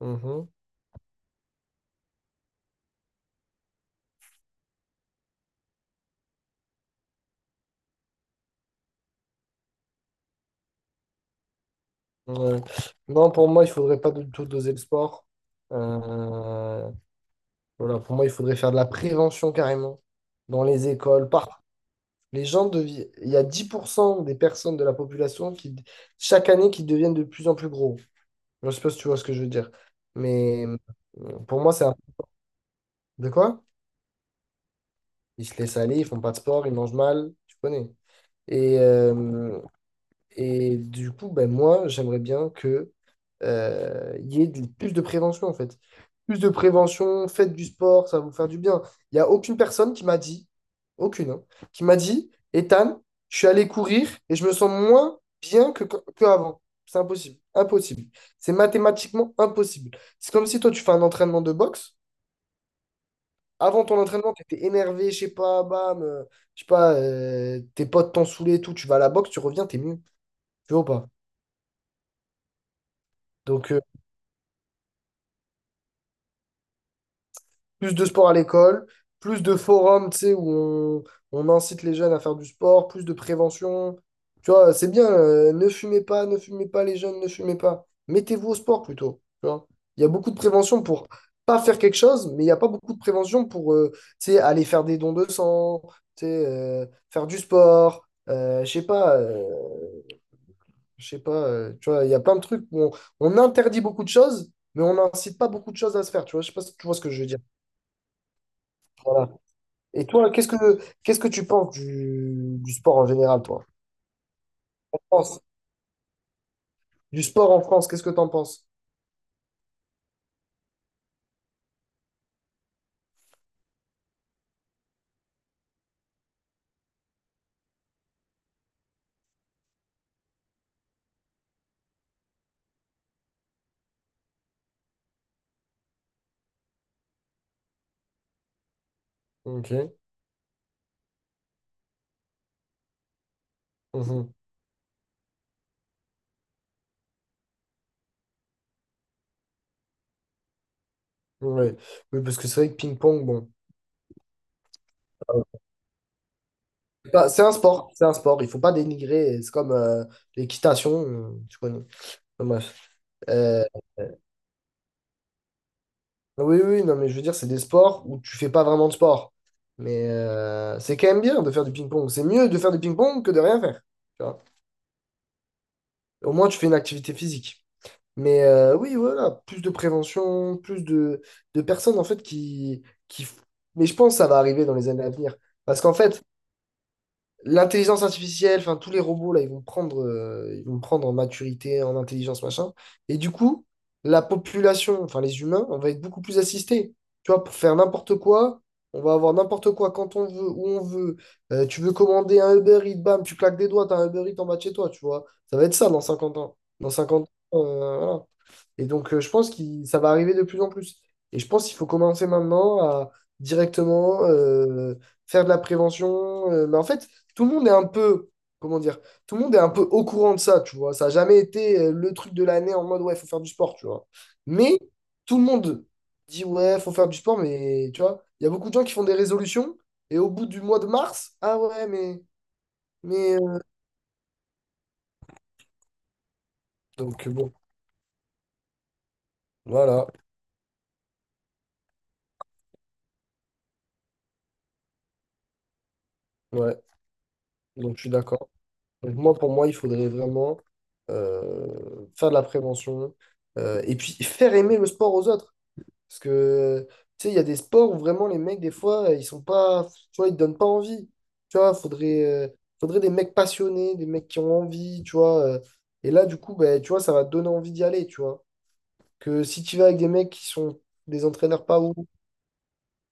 Mhm. Ouais. Non, pour moi, il faudrait pas du tout doser le sport. Euh, voilà, pour moi, il faudrait faire de la prévention carrément dans les écoles. Il y a 10% des personnes de la population qui, chaque année, qui deviennent de plus en plus gros. Je sais pas si tu vois ce que je veux dire. Mais pour moi, c'est un. De quoi? Ils se laissent aller, ils font pas de sport, ils mangent mal, tu connais. Et, euh, Et du coup, ben moi, j'aimerais bien que il y ait plus de prévention, en fait. Plus de prévention, faites du sport, ça va vous faire du bien. Il n'y a aucune personne qui m'a dit, aucune, hein, qui m'a dit, Ethan, je suis allé courir et je me sens moins bien que avant. C'est impossible. Impossible. C'est mathématiquement impossible. C'est comme si toi, tu fais un entraînement de boxe. Avant ton entraînement, tu étais énervé, je sais pas, bam, je sais pas, tes potes t'ont saoulé et tout, tu vas à la boxe, tu reviens, t'es mieux. Tu vois ou pas? Donc, plus de sport à l'école, plus de forums, tu sais, où on incite les jeunes à faire du sport, plus de prévention. Tu vois, c'est bien, ne fumez pas, ne fumez pas les jeunes, ne fumez pas. Mettez-vous au sport plutôt. Tu vois. Il y a beaucoup de prévention pour pas faire quelque chose, mais il n'y a pas beaucoup de prévention pour tu sais, aller faire des dons de sang, tu sais, faire du sport. Je sais pas, je sais pas, tu vois, il y a plein de trucs où on interdit beaucoup de choses, mais on n'incite pas beaucoup de choses à se faire, tu vois, je sais pas si tu vois ce que je veux dire. Voilà. Et toi, qu'est-ce que tu penses du sport en général, toi? France, Du sport en France, qu'est-ce que t'en penses? Ok. Mhm. Ouais. Oui, parce que c'est vrai que ping-pong, bon. Bah, c'est un sport, c'est un sport. Il faut pas dénigrer. C'est comme l'équitation, tu connais. Enfin, bref. Euh, oui, oui, non, mais je veux dire, c'est des sports où tu fais pas vraiment de sport. Mais c'est quand même bien de faire du ping-pong. C'est mieux de faire du ping-pong que de rien faire. Tu vois. Au moins, tu fais une activité physique. Mais oui, voilà, plus de prévention, plus de personnes en fait qui. Mais je pense que ça va arriver dans les années à venir. Parce qu'en fait, l'intelligence artificielle, enfin tous les robots, là, ils vont prendre en maturité, en intelligence, machin. Et du coup, la population, enfin les humains, on va être beaucoup plus assistés. Tu vois, pour faire n'importe quoi, on va avoir n'importe quoi quand on veut, où on veut. Tu veux commander un Uber Eats, bam, tu claques des doigts, t'as un Uber Eats en bas de chez toi, tu vois. Ça va être ça dans 50 ans. Dans 50 ans, voilà. Et donc, je pense que ça va arriver de plus en plus. Et je pense qu'il faut commencer maintenant à directement faire de la prévention. Mais en fait, tout le monde est un peu, comment dire, tout le monde est un peu au courant de ça, tu vois. Ça n'a jamais été le truc de l'année en mode, ouais, il faut faire du sport, tu vois. Mais tout le monde dit, ouais, faut faire du sport, mais tu vois, il y a beaucoup de gens qui font des résolutions et au bout du mois de mars, ah ouais, mais. Donc, bon, voilà, ouais, donc je suis d'accord. Donc moi, pour moi, il faudrait vraiment faire de la prévention et puis faire aimer le sport aux autres. Parce que, tu sais, il y a des sports où vraiment les mecs, des fois, ils sont pas, tu vois, ils te donnent pas envie. Tu vois, faudrait des mecs passionnés, des mecs qui ont envie, tu vois. Et là, du coup, ben, tu vois, ça va te donner envie d'y aller, tu vois. Que si tu vas avec des mecs qui sont des entraîneurs pas ouf,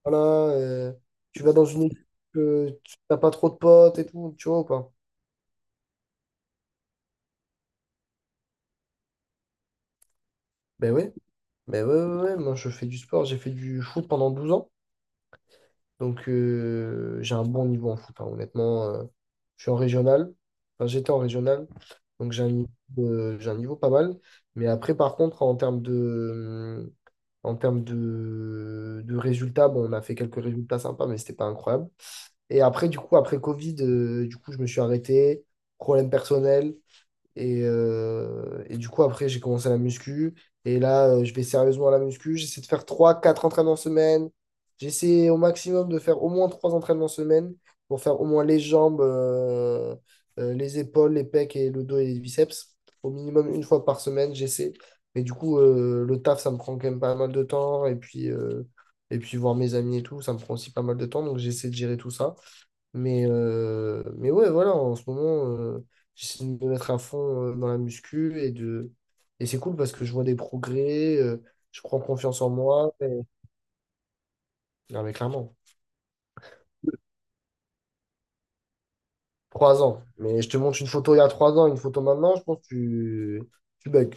voilà, euh, tu vas dans une équipe, tu n'as pas trop de potes et tout, tu vois, ou pas. Ben ouais, ben ouais, ouais, ouais, moi je fais du sport, j'ai fait du foot pendant 12 ans, donc j'ai un bon niveau en foot, hein, honnêtement. Je suis en régional, enfin j'étais en régional, donc j'ai un niveau pas mal. Mais après, par contre, en termes de résultats, bon, on a fait quelques résultats sympas, mais c'était pas incroyable. Et après, du coup, après Covid, du coup, je me suis arrêté, problème personnel, et du coup, après, j'ai commencé la muscu. Et là, je vais sérieusement à la muscu. J'essaie de faire trois quatre entraînements semaine. J'essaie au maximum de faire au moins 3 entraînements semaine pour faire au moins les jambes, les épaules, les pecs et le dos et les biceps. Au minimum une fois par semaine, j'essaie. Mais du coup, le taf, ça me prend quand même pas mal de temps. Et puis voir mes amis et tout, ça me prend aussi pas mal de temps. Donc, j'essaie de gérer tout ça. Mais ouais, voilà, en ce moment, j'essaie de me mettre à fond dans la muscu et c'est cool parce que je vois des progrès, je prends confiance en moi. Non, mais clairement, 3 ans. Mais je te montre une photo il y a 3 ans, une photo maintenant, je pense que tu bugs.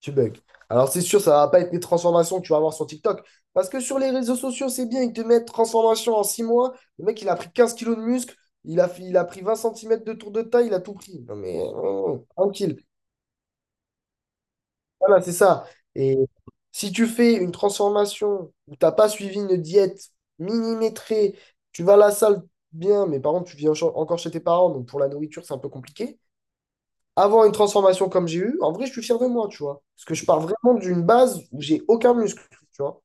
Tu bugs. Alors, c'est sûr, ça va pas être les transformations que tu vas avoir sur TikTok. Parce que sur les réseaux sociaux, c'est bien, ils te mettent transformation en 6 mois. Le mec, il a pris 15 kilos de muscle, il a pris 20 centimètres de tour de taille, il a tout pris. Non, mais oh, tranquille. Voilà, c'est ça. Et si tu fais une transformation où t'as pas suivi une diète millimétrée, tu vas à la salle bien, mais par contre, tu vis encore chez tes parents, donc pour la nourriture, c'est un peu compliqué. Avoir une transformation comme j'ai eu, en vrai, je suis fier de moi, tu vois. Parce que je pars vraiment d'une base où j'ai aucun muscle, tu vois.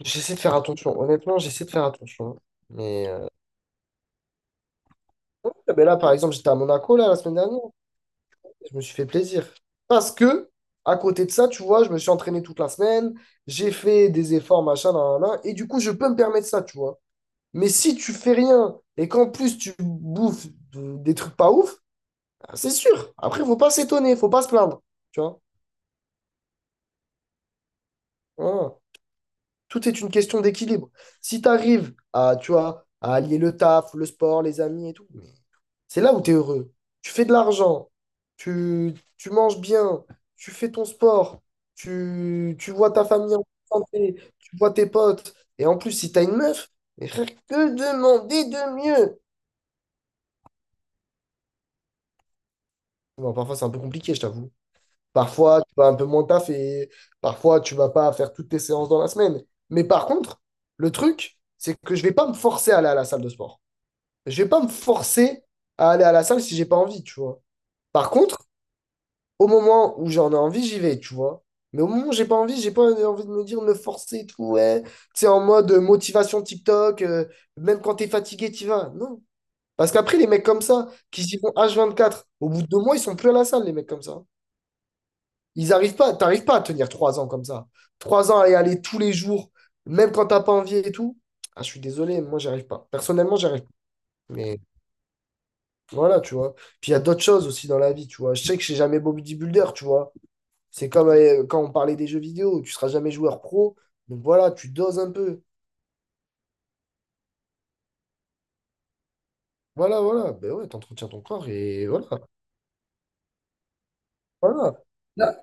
J'essaie de faire attention. Honnêtement, j'essaie de faire attention. Mais, ah, ben là, par exemple, j'étais à Monaco là, la semaine dernière. Je me suis fait plaisir. Parce que, à côté de ça, tu vois, je me suis entraîné toute la semaine, j'ai fait des efforts, machin, nan, nan, nan, et du coup, je peux me permettre ça, tu vois. Mais si tu fais rien et qu'en plus tu bouffes des trucs pas ouf, ah, c'est sûr. Après, faut pas s'étonner, faut pas se plaindre, tu vois. Voilà. Tout est une question d'équilibre. Si tu arrives à, tu vois, à allier le taf, le sport, les amis et tout, c'est là où tu es heureux. Tu fais de l'argent, tu manges bien, tu fais ton sport, tu vois ta famille en bonne santé, tu vois tes potes. Et en plus, si tu as une meuf, mais frère, que demander de mieux? Bon, parfois, c'est un peu compliqué, je t'avoue. Parfois, tu vas un peu moins taffer. Parfois, tu vas pas faire toutes tes séances dans la semaine. Mais par contre, le truc, c'est que je vais pas me forcer à aller à la salle de sport. Je vais pas me forcer à aller à la salle si j'ai pas envie, tu vois. Par contre, au moment où j'en ai envie, j'y vais, tu vois. Mais au moment où j'ai pas envie de me dire, de me forcer et tout, ouais. Tu sais, en mode motivation TikTok, même quand t'es fatigué, t'y vas. Non. Parce qu'après, les mecs comme ça, qui s'y vont H24, au bout de 2 mois, ils sont plus à la salle, les mecs comme ça. Ils arrivent pas, t'arrives pas à tenir 3 ans comme ça. 3 ans à y aller tous les jours, même quand t'as pas envie et tout. Ah, je suis désolé, moi, j'arrive pas. Personnellement, j'arrive pas. Mais voilà, tu vois. Puis il y a d'autres choses aussi dans la vie, tu vois. Je sais que je suis jamais beau bodybuilder, tu vois. C'est comme quand on parlait des jeux vidéo, tu seras jamais joueur pro, donc voilà, tu doses un peu. Voilà, voilà, ben ouais, t'entretiens ton corps et voilà, voilà. Là,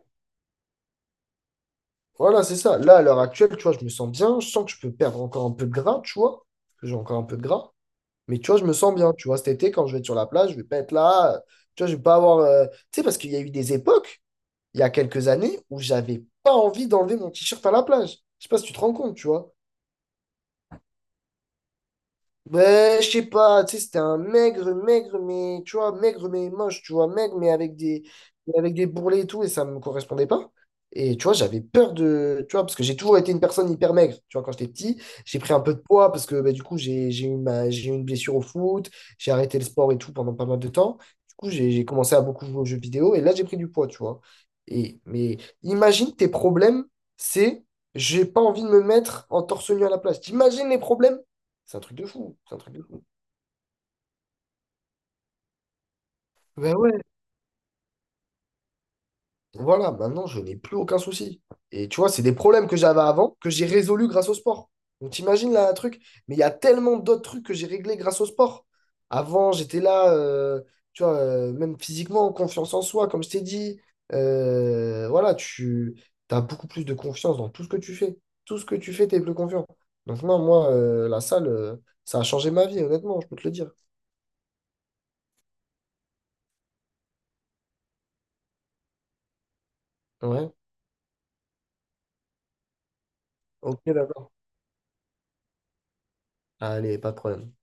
voilà, c'est ça. Là, à l'heure actuelle, tu vois, je me sens bien, je sens que je peux perdre encore un peu de gras, tu vois, parce que j'ai encore un peu de gras, mais tu vois, je me sens bien, tu vois, cet été, quand je vais être sur la plage, je vais pas être là, tu vois, je vais pas avoir. Tu sais, parce qu'il y a eu des époques, il y a quelques années, où j'avais pas envie d'enlever mon t-shirt à la plage. Je sais pas si tu te rends compte, tu vois. Ben, je sais pas, tu sais, c'était un maigre, maigre, mais, tu vois, maigre, mais moche, tu vois, maigre, mais avec des bourrelets et tout, et ça me correspondait pas. Et tu vois, j'avais peur de, tu vois, parce que j'ai toujours été une personne hyper maigre, tu vois, quand j'étais petit, j'ai pris un peu de poids, parce que, ben, du coup, j'ai eu une blessure au foot, j'ai arrêté le sport et tout pendant pas mal de temps. Du coup, j'ai commencé à beaucoup jouer aux jeux vidéo, et là, j'ai pris du poids, tu vois. Et, mais imagine tes problèmes, c'est, j'ai pas envie de me mettre en torse nu à la place. T'imagines les problèmes? C'est un truc de fou. C'est un truc de fou. Ben ouais. Voilà, maintenant, je n'ai plus aucun souci. Et tu vois, c'est des problèmes que j'avais avant que j'ai résolus grâce au sport. Donc, t'imagines là, un truc. Mais il y a tellement d'autres trucs que j'ai réglés grâce au sport. Avant, j'étais là, tu vois, même physiquement, confiance en soi, comme je t'ai dit. Voilà, tu as beaucoup plus de confiance dans tout ce que tu fais. Tout ce que tu fais, tu es plus confiant. Donc, non, moi, la salle, ça a changé ma vie, honnêtement, je peux te le dire. Ouais, ok, d'accord. Allez, pas de problème.